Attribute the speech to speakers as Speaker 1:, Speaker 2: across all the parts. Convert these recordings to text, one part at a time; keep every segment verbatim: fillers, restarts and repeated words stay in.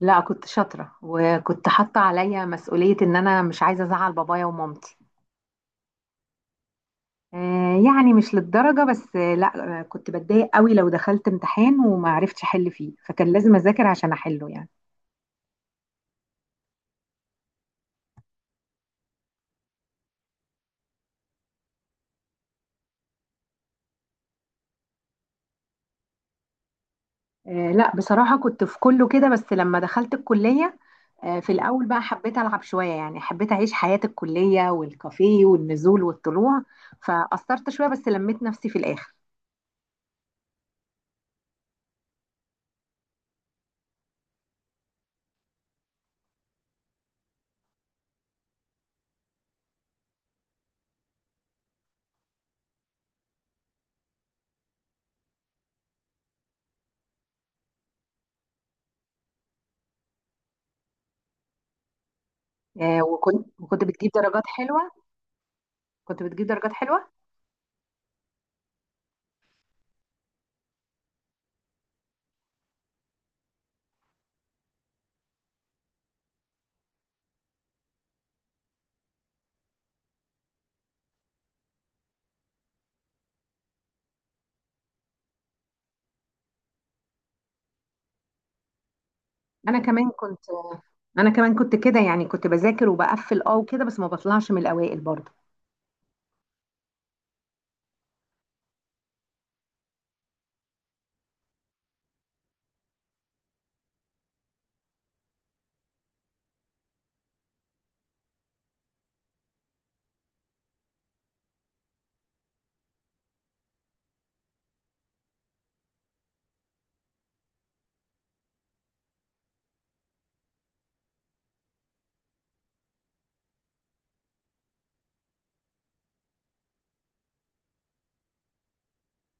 Speaker 1: لا، كنت شاطرة وكنت حاطة عليا مسؤولية ان انا مش عايزة ازعل بابايا ومامتي. آه، يعني مش للدرجة، بس آه، لا آه، كنت بتضايق قوي لو دخلت امتحان وما عرفتش احل فيه، فكان لازم اذاكر عشان احله يعني. آه، لا، بصراحة كنت في كله كده، بس لما دخلت الكلية آه، في الاول بقى حبيت العب شوية، يعني حبيت اعيش حياة الكلية والكافيه والنزول والطلوع. فقصرت شوية بس لميت نفسي في الاخر. آه، وكنت وكنت بتجيب درجات حلوة. كنت بتجيب درجات حلوة. انا كمان كنت. انا كمان كنت كده، يعني كنت بذاكر وبقفل اه وكده، بس ما بطلعش من الاوائل برضه.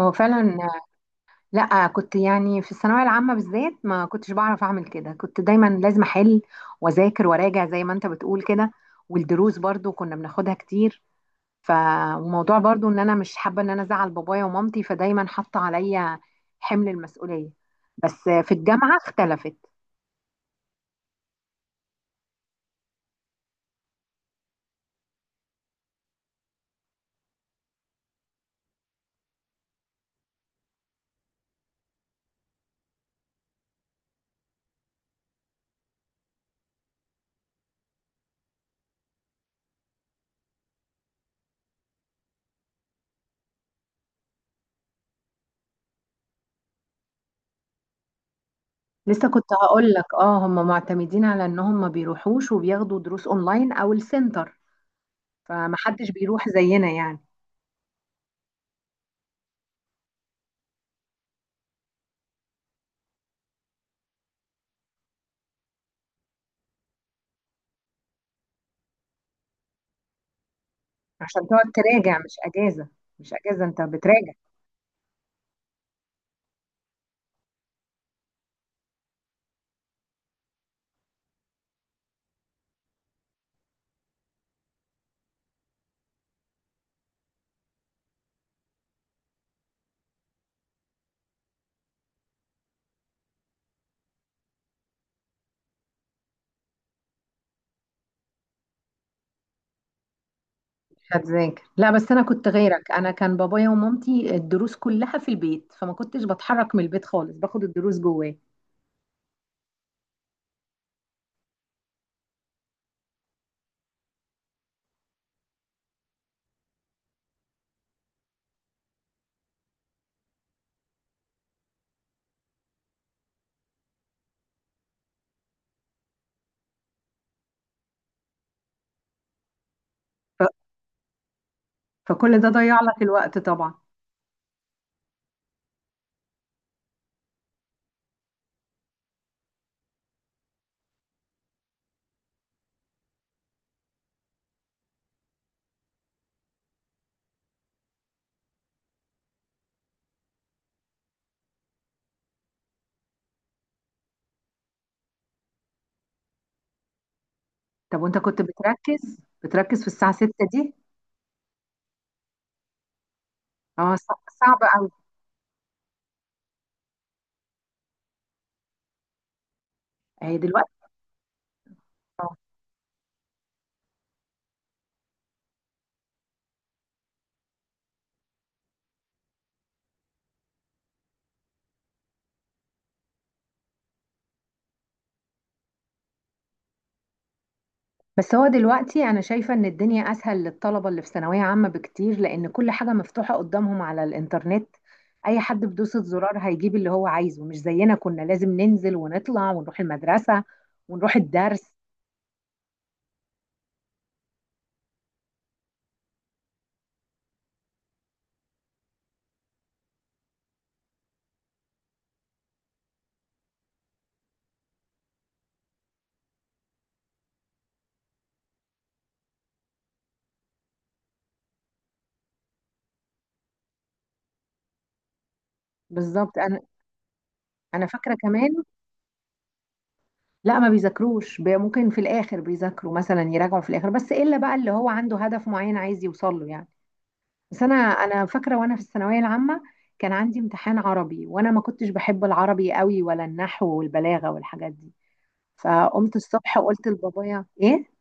Speaker 1: هو فعلا. لا، كنت يعني في الثانويه العامه بالذات ما كنتش بعرف اعمل كده. كنت دايما لازم احل واذاكر وراجع زي ما انت بتقول كده. والدروس برضه كنا بناخدها كتير. ف وموضوع برضه ان انا مش حابه ان انا ازعل بابايا ومامتي، فدايما حاطه عليا حمل المسؤوليه. بس في الجامعه اختلفت. لسه كنت هقول لك، اه هم معتمدين على ان هم ما بيروحوش وبياخدوا دروس اونلاين او السنتر. فمحدش بيروح زينا يعني. عشان تقعد تراجع، مش اجازه. مش اجازه، انت بتراجع. مش هتذاكر. لا، بس انا كنت غيرك. انا كان بابايا ومامتي الدروس كلها في البيت، فما كنتش بتحرك من البيت خالص، باخد الدروس جواه. ف... فكل ده ضيع لك الوقت طبعا. طب وانت كنت بتركز؟ بتركز في الساعه ستة دي؟ اه. ص- صعب قوي. هي دلوقتي. بس هو دلوقتي انا شايفة ان الدنيا اسهل للطلبة اللي في ثانوية عامة بكتير، لان كل حاجة مفتوحة قدامهم على الانترنت. اي حد بدوسة زرار هيجيب اللي هو عايزه، مش زينا كنا لازم ننزل ونطلع ونروح المدرسة ونروح الدرس. بالظبط. انا انا فاكرة كمان. لا، ما بيذاكروش، بي- ممكن في الاخر بيذاكروا، مثلا يراجعوا في الاخر، بس الا بقى اللي هو عنده هدف معين عايز يوصل له يعني. بس انا انا فاكرة وانا في الثانوية العامة كان عندي امتحان عربي، وانا ما كنتش بحب العربي قوي ولا النحو والبلاغة والحاجات دي. فقمت الصبح وقلت لبابايا ايه.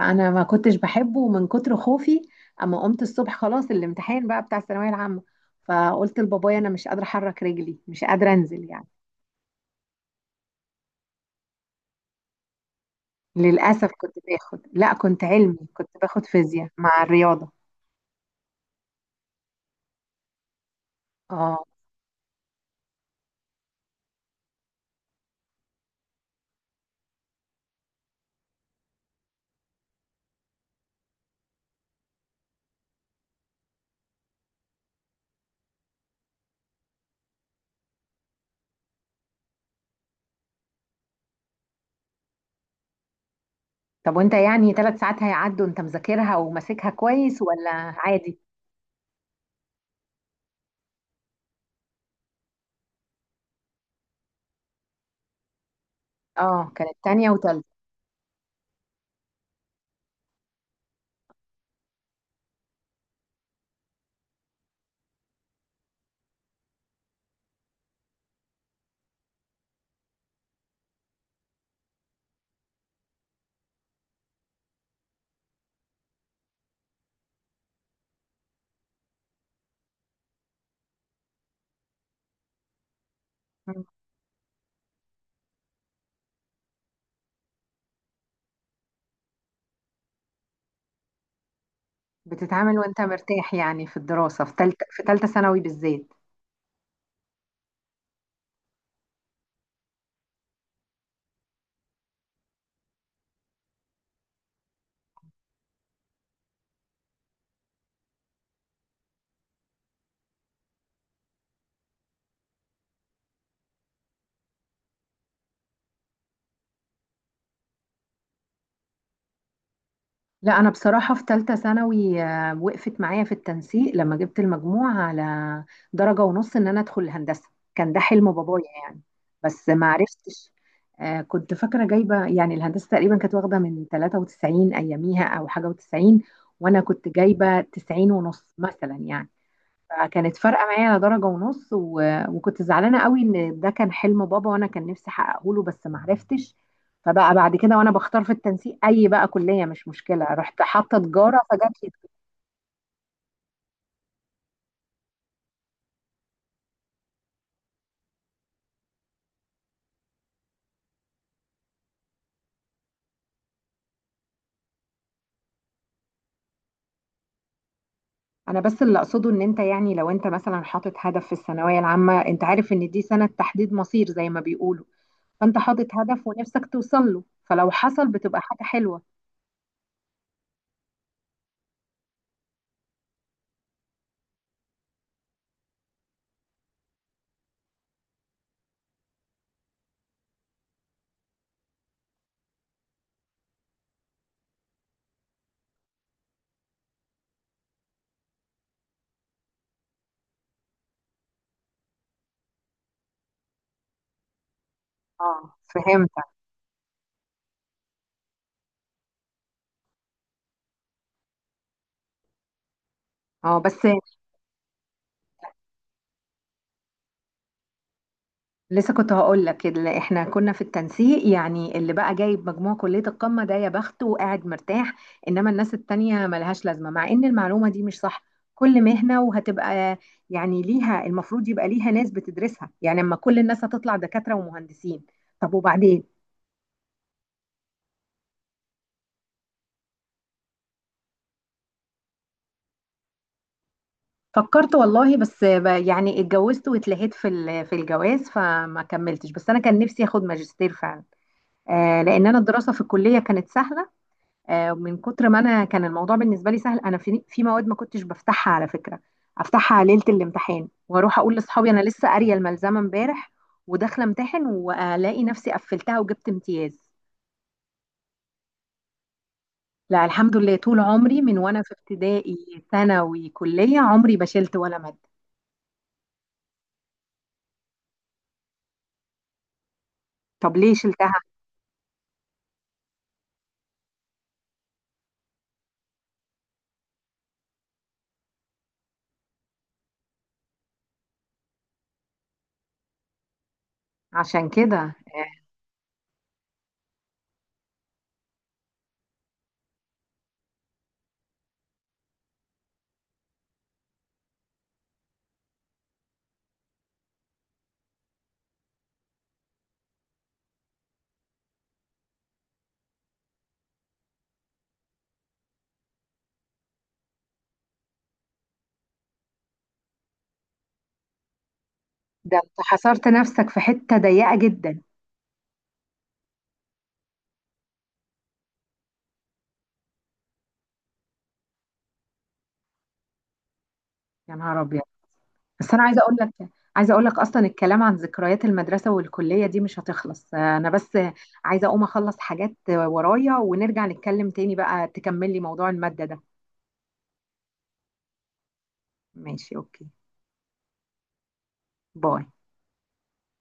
Speaker 1: انا ما كنتش بحبه من كتر خوفي. اما قمت الصبح، خلاص الامتحان بقى بتاع الثانويه العامه، فقلت لبابايا انا مش قادره احرك رجلي، مش قادره انزل يعني. للاسف كنت باخد. لا، كنت علمي، كنت باخد فيزياء مع الرياضه. اه. طب وانت يعني ثلاث ساعات هيعدوا، انت مذاكرها وماسكها كويس ولا عادي؟ اه. كانت تانية وتالتة. مم. بتتعامل وانت مرتاح يعني في الدراسه، في تالتة، في تالتة ثانوي بالذات؟ لا، انا بصراحه في ثالثه ثانوي آه، وقفت معايا في التنسيق لما جبت المجموع على درجه ونص ان انا ادخل الهندسه. كان ده حلم بابايا يعني. بس ما عرفتش. آه، كنت فاكره جايبه يعني الهندسه تقريبا كانت واخده من تلاتة وتسعين اياميها او حاجه و90، وانا كنت جايبه تسعين ونص مثلا يعني. فكانت فارقه معايا على درجه ونص و... وكنت زعلانه قوي ان ده كان حلم بابا، وانا كان نفسي احققه له، بس ما عرفتش. فبقى بعد كده وانا بختار في التنسيق، اي بقى كليه مش مشكله. رحت حاطه تجاره فجات لي. انا بس اللي اقصده ان انت يعني، لو انت مثلا حاطط هدف في الثانويه العامه، انت عارف ان دي سنه تحديد مصير زي ما بيقولوا. فانت حاطط هدف ونفسك توصل له. فلو حصل بتبقى حاجه حلوه. اه، فهمت. اه، بس. لسه كنت هقول لك، اللي احنا كنا في التنسيق يعني، اللي بقى جايب مجموع كلية القمة ده يا بخته وقاعد مرتاح. انما الناس التانية ملهاش لازمة، مع ان المعلومة دي مش صح. كل مهنة وهتبقى يعني ليها، المفروض يبقى ليها ناس بتدرسها يعني. اما كل الناس هتطلع دكاترة ومهندسين؟ طب وبعدين. فكرت والله، بس ب- يعني اتجوزت واتلهيت في ال- في الجواز فما كملتش، بس انا كان نفسي اخد ماجستير فعلا. آه، لان انا الدراسة في الكلية كانت سهلة. آه، من كتر ما انا كان الموضوع بالنسبه لي سهل، انا في في مواد ما كنتش بفتحها على فكره. افتحها ليله الامتحان واروح اقول لاصحابي انا لسه قاريه الملزمه امبارح، وداخله امتحن والاقي نفسي قفلتها وجبت امتياز. لا، الحمد لله، طول عمري من وانا في ابتدائي ثانوي كليه عمري ما شلت ولا ماده. طب ليه شلتها؟ عشان كده آه، ده انت حصرت نفسك في حته ضيقه جدا. يا نهار ابيض! بس انا عايزه اقول لك، عايزه اقول لك اصلا، الكلام عن ذكريات المدرسه والكليه دي مش هتخلص. انا بس عايزه اقوم اخلص حاجات ورايا، ونرجع نتكلم تاني بقى تكملي موضوع الماده ده. ماشي، اوكي، باي.